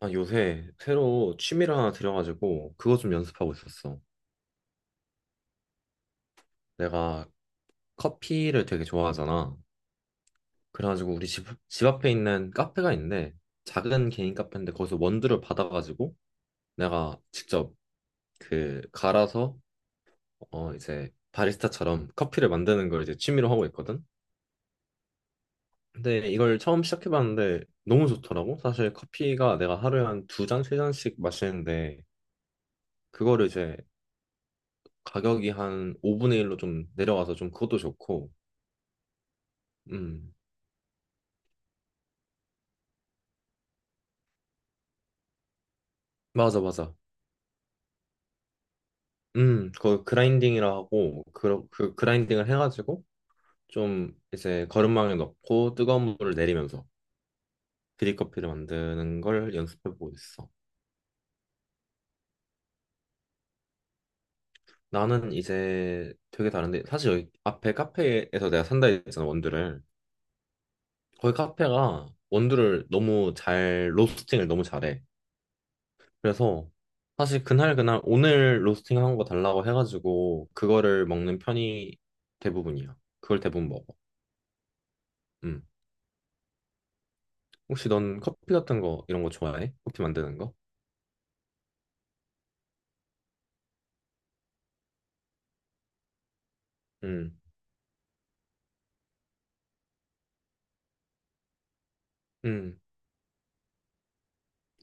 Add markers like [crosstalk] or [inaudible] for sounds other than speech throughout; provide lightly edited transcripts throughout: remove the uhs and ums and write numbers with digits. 아, 요새 새로 취미를 하나 들여가지고 그거 좀 연습하고 있었어. 내가 커피를 되게 좋아하잖아. 그래가지고 우리 집 앞에 있는 카페가 있는데, 작은 개인 카페인데 거기서 원두를 받아가지고 내가 직접 그 갈아서 이제 바리스타처럼 커피를 만드는 걸 이제 취미로 하고 있거든. 근데 이걸 처음 시작해봤는데 너무 좋더라고. 사실 커피가 내가 하루에 한 두 잔, 세 잔씩 마시는데, 그거를 이제 가격이 한 5분의 1로 좀 내려가서 좀 그것도 좋고. 음, 맞아, 맞아. 그 그라인딩이라 하고, 그 그라인딩을 해가지고, 좀 이제 거름망에 넣고 뜨거운 물을 내리면서 드립커피를 만드는 걸 연습해보고 있어. 나는 이제 되게 다른데, 사실 여기 앞에 카페에서 내가 산다 했잖아, 원두를. 거기 카페가 원두를 로스팅을 너무 잘해. 그래서 사실 그날 그날 오늘 로스팅 한 거 달라고 해가지고, 그거를 먹는 편이 대부분이야. 그걸 대부분 먹어. 음. 혹시 넌 커피 같은 거 이런 거 좋아해? 커피 만드는 거? 응, 응.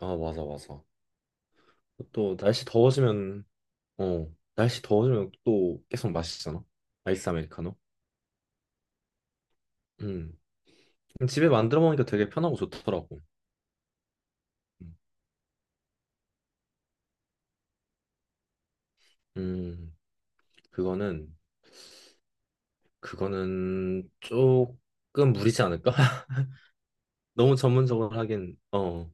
아, 맞아, 맞아. 또 날씨 더워지면, 어, 날씨 더워지면 또 계속 마시잖아. 아이스 아메리카노. 응. 집에 만들어 먹으니까 되게 편하고 좋더라고. 음, 음, 그거는, 그거는 조금 무리지 않을까? [laughs] 너무 전문적으로 하긴.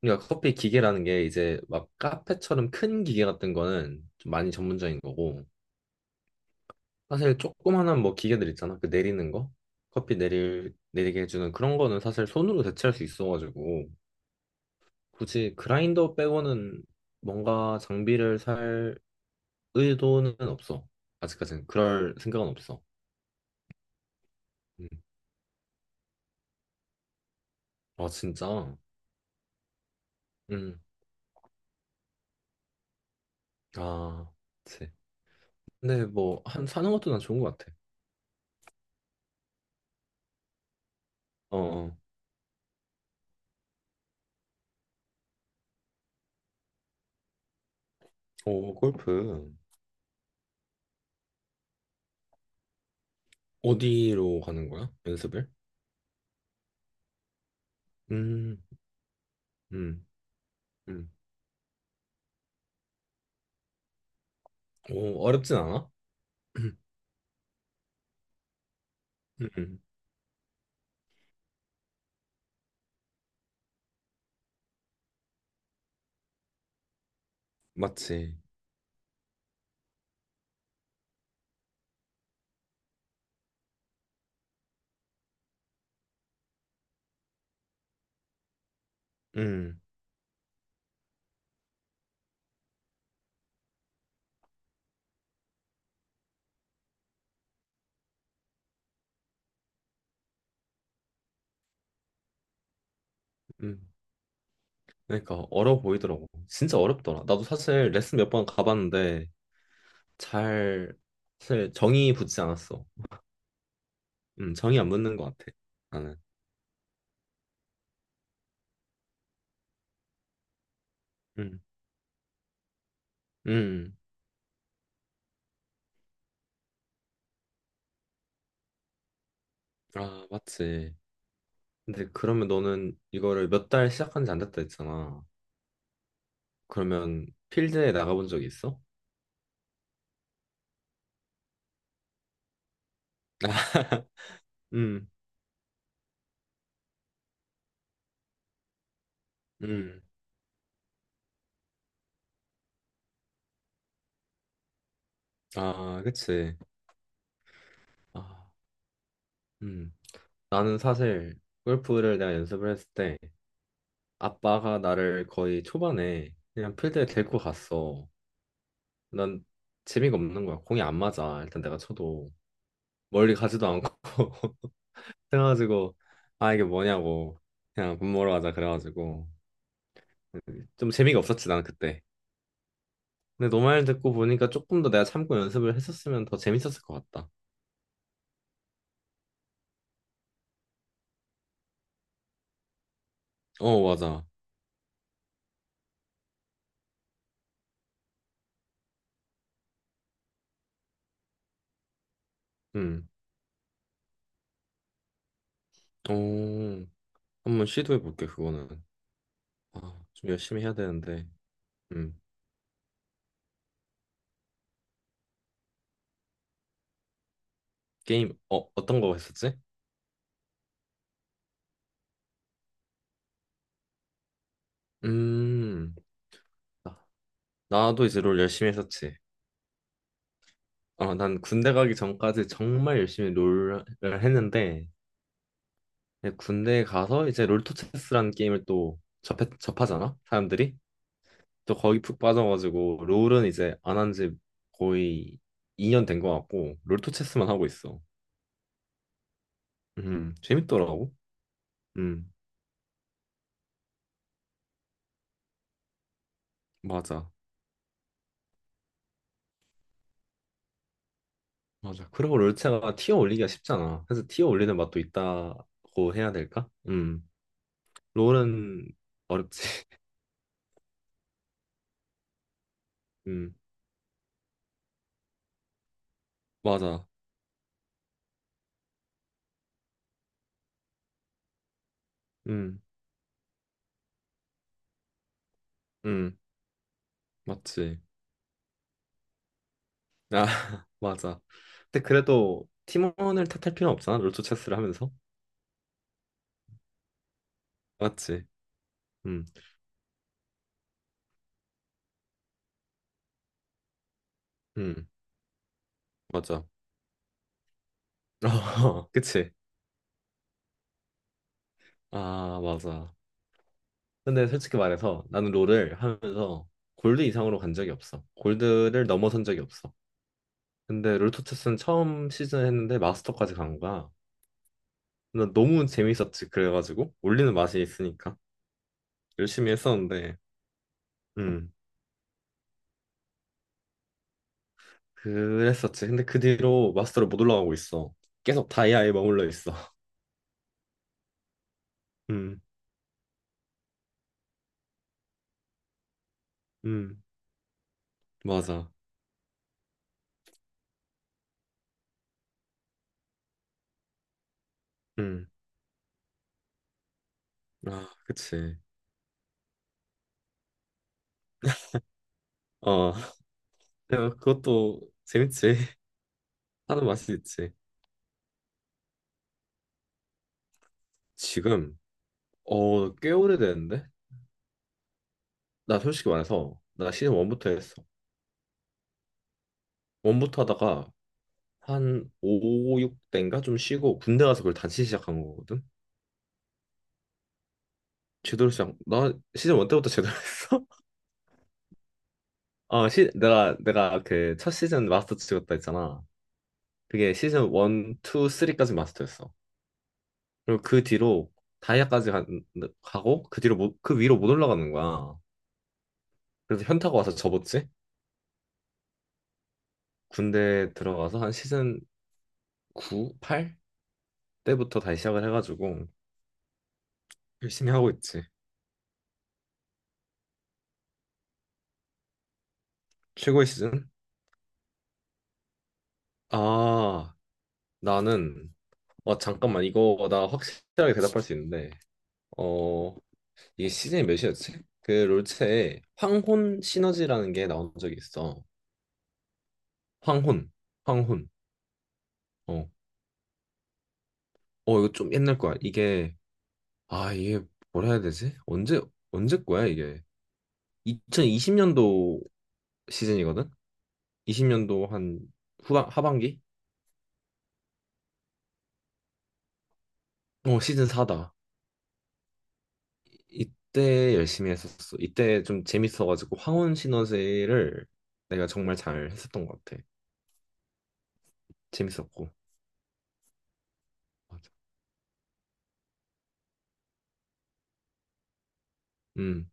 그러니까 커피 기계라는 게 이제 막 카페처럼 큰 기계 같은 거는 좀 많이 전문적인 거고, 사실 조그만한 뭐 기계들 있잖아. 그 내리는 거. 내리게 해주는 그런 거는 사실 손으로 대체할 수 있어가지고 굳이 그라인더 빼고는 뭔가 장비를 살 의도는 없어. 아직까지는 그럴 생각은 없어. 음. 아, 진짜? 음. 아, 그치. 근데 뭐, 한, 사는 것도 난 좋은 것 같아. 어, 어. 오, 골프. 어디로 가는 거야? 연습을? 음, 음, 음. 오, 어렵진 않아? [clears throat] 음, 음. 맞지. 음. 음, 그러니까 어려워 보이더라고. 진짜 어렵더라. 나도 사실 레슨 몇 번 가봤는데 잘 사실 정이 붙지 않았어. 정이 안 붙는 것 같아. 나는. 음, 음, 아, 맞지. 근데 그러면 너는 이거를 몇 달 시작한 지 안 됐다 했잖아. 그러면 필드에 나가본 적이 있어? [laughs] 음, 음, 아, 그치. 아, 음, 나는 사실 골프를 내가 연습을 했을 때 아빠가 나를 거의 초반에 그냥 필드에 데리고 갔어. 난 재미가 없는 거야. 공이 안 맞아. 일단 내가 쳐도 멀리 가지도 않고. [laughs] 그래가지고 아 이게 뭐냐고 그냥 밥 먹으러 가자 그래가지고 좀 재미가 없었지 나는 그때. 근데 너 말 듣고 보니까 조금 더 내가 참고 연습을 했었으면 더 재밌었을 것 같다. 어 맞아. 음. 어 한번 시도해 볼게 그거는. 아, 좀 열심히 해야 되는데. 음. 게임 어떤 거 했었지? 음. 아, 나도 이제 롤 열심히 했었지. 어, 난 군대 가기 전까지 정말 열심히 롤을 했는데, 이제 군대에 가서 이제 롤토체스라는 게임을 또 접하잖아, 사람들이. 또 거기 푹 빠져가지고, 롤은 이제 안 한지 거의 2년 된 것 같고, 롤토체스만 하고 있어. 재밌더라고. 음, 맞아. 맞아. 그리고 롤체가 티어 올리기가 쉽잖아. 그래서 티어 올리는 맛도 있다고 해야 될까? 롤은 어렵지. [laughs] 음, 맞아. 음. 음. 맞지. 아, [laughs] 맞아. 근데 그래도 팀원을 탓할 필요는 없잖아. 롤토 체스를 하면서. 맞지. 음, 음, 맞아. [laughs] 그치. 아, 맞아. 근데 솔직히 말해서 나는 롤을 하면서 골드 이상으로 간 적이 없어. 골드를 넘어선 적이 없어. 근데 롤토 체스는 처음 시즌 했는데 마스터까지 간 거야. 근데 너무 재밌었지. 그래가지고 올리는 맛이 있으니까 열심히 했었는데. 음, 그랬었지. 근데 그 뒤로 마스터를 못 올라가고 있어. 계속 다이아에 머물러 있어. [laughs] 음, 음, 맞아. 음, 아, 그치. 어, [laughs] 내가 그것도 재밌지. [laughs] 하는 맛이 있지. 지금, 꽤 오래됐는데? 나 솔직히 말해서, 나 시즌 1부터 했어. 1부터 하다가, 한 5, 6대인가 좀 쉬고, 군대 가서 그걸 다시 시작한 거거든? 나 시즌 1 때부터 제대로 [laughs] 했어? 아, 내가 그 첫 시즌 마스터 찍었다 했잖아. 그게 시즌 1, 2, 3까지 마스터였어. 그리고 그 뒤로 다이아까지 가, 고그 뒤로 못, 그 위로 못 올라가는 거야. 그래서 현타가 와서 접었지. 군대 들어가서 한 시즌 9, 8 때부터 다시 시작을 해가지고 열심히 하고 있지. 최고의 시즌? 아, 나는 잠깐만 이거 나 확실하게 대답할 수 있는데, 어 이게 시즌이 몇이었지? 그 롤체에 황혼 시너지라는 게 나온 적이 있어. 황혼, 황혼. 어 이거 좀 옛날 거야. 이게 뭐라 해야 되지? 언제 거야, 이게? 2020년도 시즌이거든? 20년도 한 하반기? 어, 시즌 4다. 이때 열심히 했었어. 이때 좀 재밌어가지고, 황혼 시너지를 내가 정말 잘 했었던 것 같아. 재밌었고. 맞아. 음,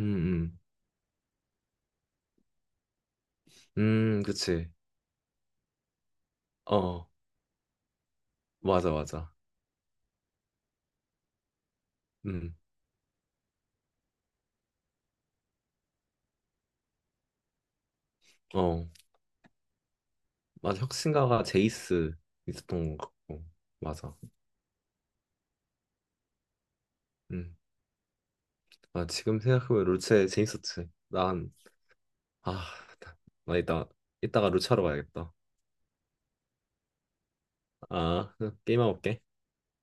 음, 음. 그치. 어, 맞아, 맞아. 음, 어. 맞아. 혁신가가 제이스 있었던 것 같고. 맞아. 음. 아, 지금 생각해보면 롤체 재밌었지. 난, 아, 나 이따가 롤체하러 가야겠다. 아, [laughs] 게임하고 올게.